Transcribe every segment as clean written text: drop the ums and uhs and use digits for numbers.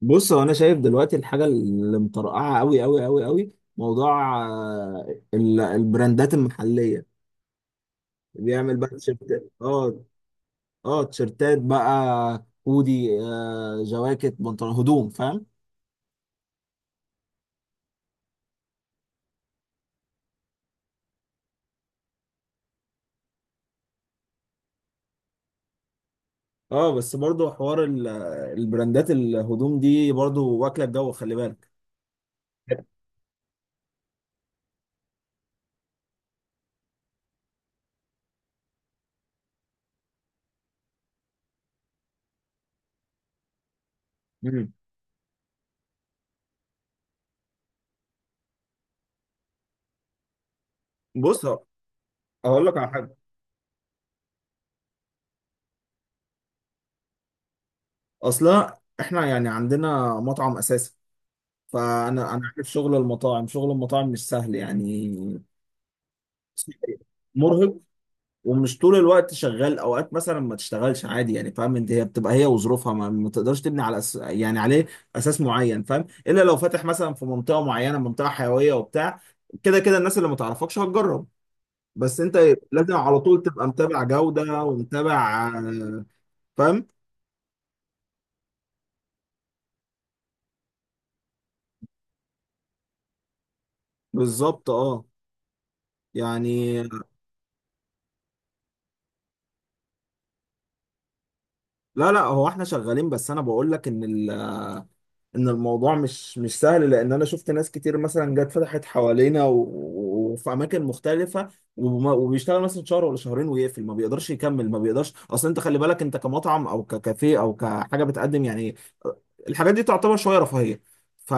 بص، هو انا شايف دلوقتي الحاجه اللي مطرقعه قوي قوي قوي قوي، موضوع البراندات المحليه. بيعمل بقى تيشيرتات، اه تيشيرتات بقى، هودي، جواكت، بنطلون، هدوم، فاهم؟ اه، بس برضو حوار البراندات، الهدوم دي برضو واكله الجو، خلي بالك. مم. بص، اقول لك على حاجه. اصلا احنا يعني عندنا مطعم اساسا، فانا عارف شغل المطاعم، شغل المطاعم مش سهل يعني، مرهق، ومش طول الوقت شغال. اوقات مثلا ما تشتغلش عادي يعني، فاهم؟ انت هي بتبقى هي وظروفها، ما تقدرش تبني على يعني عليه اساس معين، فاهم؟ الا لو فاتح مثلا في منطقه معينه، منطقه حيويه وبتاع. كده كده الناس اللي ما تعرفكش هتجرب، بس انت لازم على طول تبقى متابع جوده ومتابع فاهم، بالظبط، اه يعني. لا لا، هو احنا شغالين، بس انا بقول لك ان ان الموضوع مش سهل، لان انا شفت ناس كتير مثلا جت فتحت حوالينا وفي اماكن مختلفه، وبيشتغل مثلا شهر ولا شهرين ويقفل، ما بيقدرش يكمل، ما بيقدرش. اصل انت خلي بالك، انت كمطعم او ككافيه او كحاجه بتقدم يعني، الحاجات دي تعتبر شويه رفاهيه. ف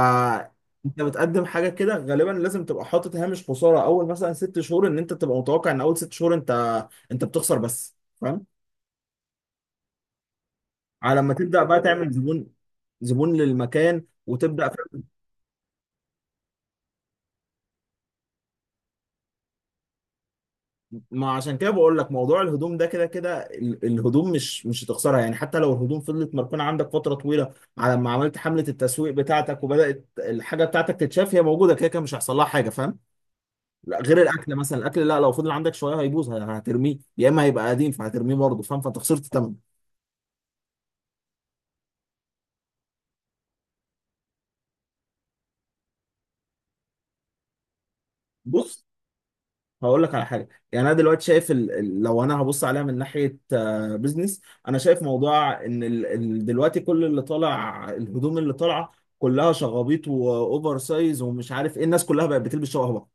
انت بتقدم حاجه كده، غالبا لازم تبقى حاطط هامش خساره اول مثلا ست شهور، ان انت تبقى متوقع ان اول ست شهور انت بتخسر بس، فاهم؟ على ما تبدا بقى تعمل زبون، زبون للمكان، وتبدا. ما عشان كده بقول لك موضوع الهدوم ده، كده كده الهدوم مش هتخسرها يعني، حتى لو الهدوم فضلت مركونة عندك فترة طويلة، على ما عملت حملة التسويق بتاعتك وبدأت الحاجة بتاعتك تتشاف، هي موجودة كده كده مش هيحصل لها حاجة، فاهم؟ لا، غير الأكل مثلا، الأكل لا، لو فضل عندك شوية هيبوظ هترميه، يا إما هيبقى قديم فهترميه برضه، فاهم؟ فأنت خسرت تمن. بص، هقول لك على حاجه يعني. انا دلوقتي شايف لو انا هبص عليها من ناحيه بيزنس. انا شايف موضوع ان دلوقتي كل اللي طالع، الهدوم اللي طالعه كلها شغابيط واوفر سايز ومش عارف ايه، الناس كلها بقت بتلبس شبه بعض.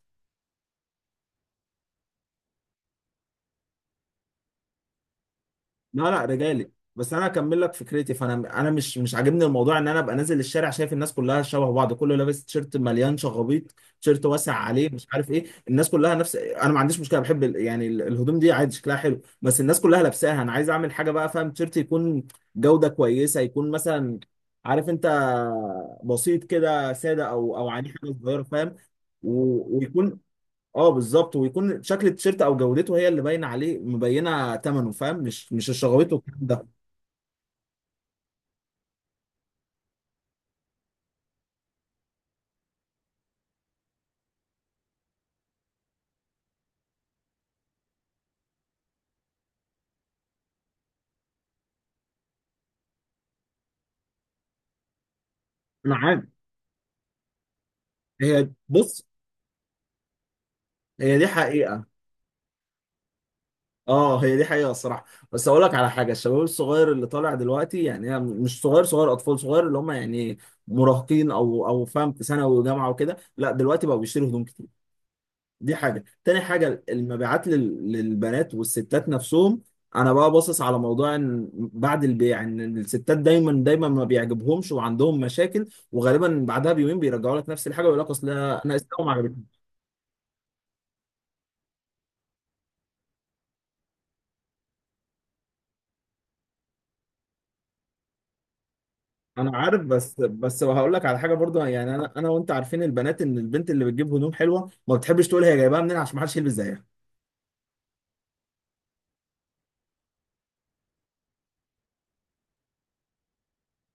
لا لا، رجالي بس. انا اكمل لك فكرتي، فانا مش عاجبني الموضوع ان انا ابقى نازل الشارع شايف الناس كلها شبه بعض، كله لابس تيشيرت مليان شغبيط، تيشيرت واسع عليه، مش عارف ايه الناس كلها نفس. انا ما عنديش مشكله، بحب يعني الهدوم دي عادي شكلها حلو، بس الناس كلها لابساها. انا عايز اعمل حاجه بقى، فاهم؟ تيشيرت يكون جوده كويسه، يكون مثلا، عارف انت، بسيط كده، ساده، او عليه حاجه صغيره، فاهم؟ ويكون، اه بالظبط، ويكون شكل التيشيرت او جودته هي اللي باينه عليه، مبينه ثمنه، فاهم؟ مش الشغويت والكلام ده. انا عارف. هي بص، هي دي حقيقه. اه، هي دي حقيقه الصراحه. بس اقول لك على حاجه، الشباب الصغير اللي طالع دلوقتي يعني، هي مش صغير صغير اطفال، صغير اللي هم يعني مراهقين، او فاهم، في ثانوي وجامعه وكده. لا دلوقتي بقوا بيشتروا هدوم كتير. دي حاجة، تاني حاجة، المبيعات للبنات والستات نفسهم. انا بقى باصص على موضوع ان بعد البيع، ان الستات دايما دايما ما بيعجبهمش وعندهم مشاكل، وغالبا بعدها بيومين بيرجعوا لك نفس الحاجه، ويقول لك اصل انا اسلام ما عجبتني. انا عارف، بس هقول لك على حاجه برضو يعني، انا وانت عارفين البنات، ان البنت اللي بتجيب هدوم حلوه ما بتحبش تقول هي جايبها منين عشان ما حدش يلبس زيها.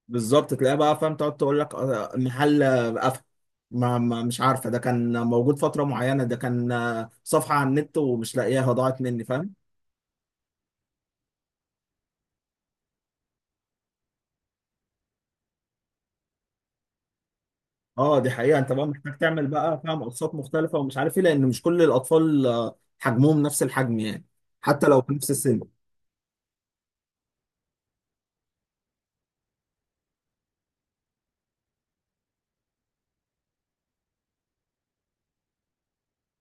بالظبط، تلاقيها بقى فاهم، تقعد تقول لك محل قفل، ما مش عارفه، ده كان موجود فتره معينه، ده كان صفحه على النت ومش لاقياها ضاعت مني، فاهم؟ اه دي حقيقه. انت بقى محتاج تعمل بقى فاهم اقساط مختلفه ومش عارف ايه، لان مش كل الاطفال حجمهم نفس الحجم يعني، حتى لو في نفس السن.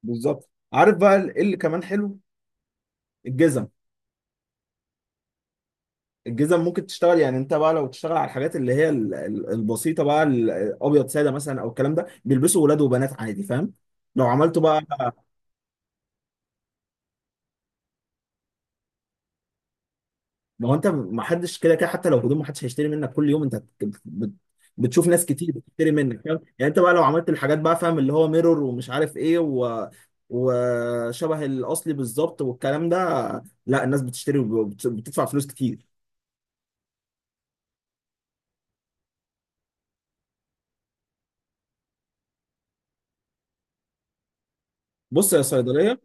بالظبط، عارف بقى ايه اللي كمان حلو؟ الجزم. الجزم ممكن تشتغل يعني. انت بقى لو تشتغل على الحاجات اللي هي البسيطه بقى، الابيض ساده مثلا او الكلام ده، بيلبسوا ولاد وبنات عادي، فاهم؟ لو عملته بقى. ما هو انت، ما حدش كده كده حتى لو هدوم، ما حدش هيشتري منك كل يوم. انت بتشوف ناس كتير بتشتري منك، فاهم يعني؟ انت بقى لو عملت الحاجات بقى، فاهم، اللي هو ميرور ومش عارف ايه، و... وشبه الاصلي بالظبط والكلام ده. لا، الناس بتشتري وبتدفع فلوس كتير. بص يا صيدليه،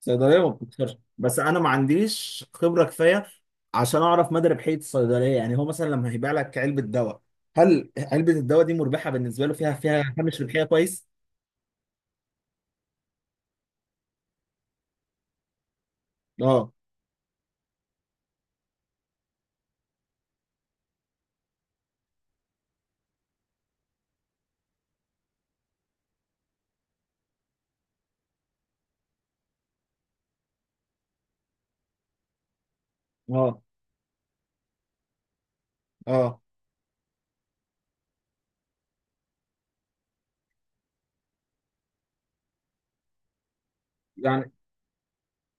صيدليه ما بتخسرش، بس انا ما عنديش خبره كفايه عشان اعرف مدى ربحيه الصيدليه يعني. هو مثلا لما هيبيع لك علبه دواء، هل علبه الدواء دي مربحه بالنسبه له؟ فيها هامش ربحيه كويس؟ اه اه اه يعني،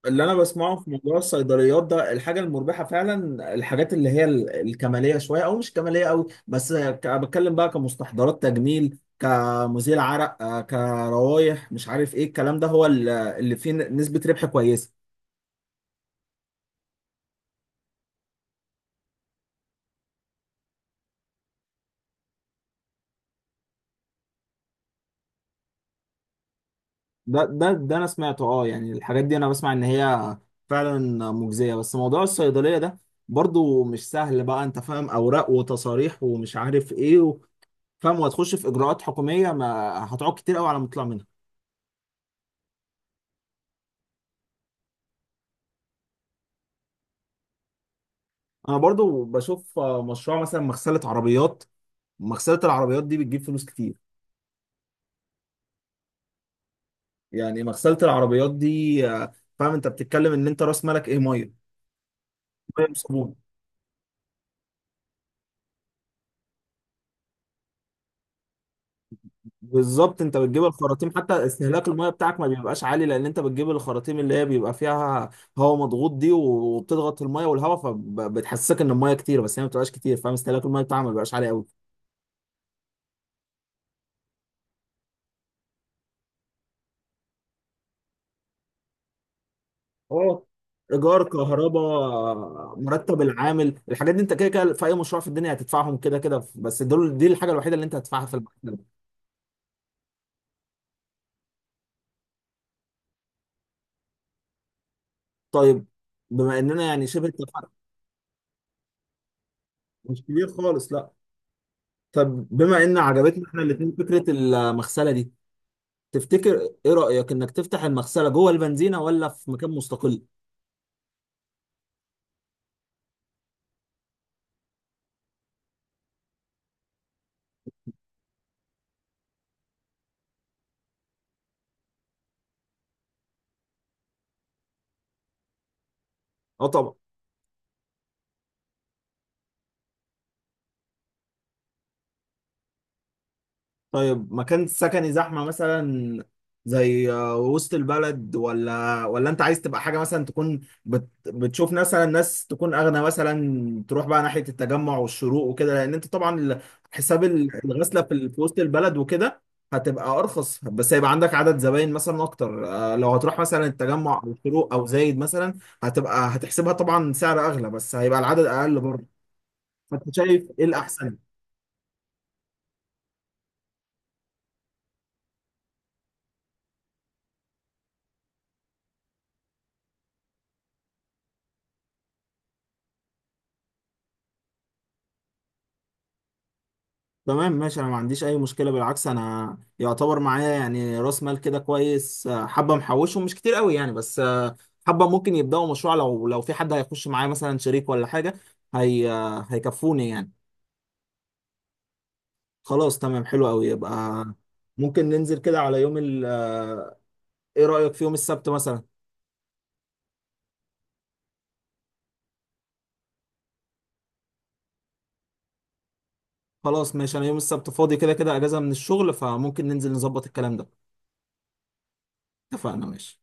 اللي انا بسمعه في موضوع الصيدليات ده، الحاجه المربحه فعلا الحاجات اللي هي الكماليه شويه، او مش كماليه قوي بس بتكلم بقى كمستحضرات تجميل، كمزيل عرق، كروايح، مش عارف ايه الكلام ده، هو اللي فيه نسبه ربح كويسه. ده انا سمعته، اه يعني الحاجات دي انا بسمع ان هي فعلا مجزيه، بس موضوع الصيدليه ده برضو مش سهل بقى. انت فاهم، اوراق وتصاريح ومش عارف ايه فاهم، وهتخش في اجراءات حكوميه ما هتقعد كتير قوي على ما تطلع منها. انا برضو بشوف مشروع مثلا مغسله عربيات. مغسله العربيات دي بتجيب فلوس كتير. يعني مغسله العربيات دي فاهم، انت بتتكلم ان انت راس مالك ايه؟ ميه. ميه وصابون. بالظبط. انت بتجيب الخراطيم، حتى استهلاك الميه بتاعك ما بيبقاش عالي لان انت بتجيب الخراطيم اللي هي بيبقى فيها هواء مضغوط دي، وبتضغط الميه والهواء، فبتحسسك ان الميه كتير بس هي ما بتبقاش كتير، فاهم؟ استهلاك الميه بتاعها ما بيبقاش عالي قوي. اه، ايجار، كهرباء، مرتب العامل، الحاجات دي انت كده كده في اي مشروع في الدنيا هتدفعهم كده كده، بس دول دي الحاجه الوحيده اللي انت هتدفعها في المكتب. طيب، بما اننا يعني شبه اتفقنا. مش كبير خالص لا. طب بما ان عجبتنا احنا الاثنين فكره المغسله دي، تفتكر، ايه رايك انك تفتح المغسله جوه البنزينه ولا في مكان مستقل؟ اه طبعا. طيب، مكان سكني زحمة مثلا، زي وسط البلد؟ ولا انت عايز تبقى حاجة مثلا تكون بتشوف مثلا ناس تكون اغنى مثلا، تروح بقى ناحية التجمع والشروق وكده، لان انت طبعا حساب الغسلة في وسط البلد وكده هتبقى ارخص، بس هيبقى عندك عدد زباين مثلا اكتر. لو هتروح مثلا التجمع او الشروق او زايد مثلا هتحسبها طبعا سعر اغلى، بس هيبقى العدد اقل برضه. فانت شايف ايه الاحسن؟ تمام ماشي. انا ما عنديش اي مشكله، بالعكس. انا يعتبر معايا يعني راس مال كده كويس، حبه محوشه مش كتير قوي يعني، بس حبه ممكن يبداوا مشروع، لو في حد هيخش معايا مثلا شريك ولا حاجه، هي هيكفوني يعني. خلاص تمام حلو قوي. يبقى ممكن ننزل كده على يوم ال آه، ايه رايك في يوم السبت مثلا؟ خلاص ماشي، انا يوم السبت فاضي كده كده اجازه من الشغل، فممكن ننزل نظبط الكلام ده. اتفقنا ماشي.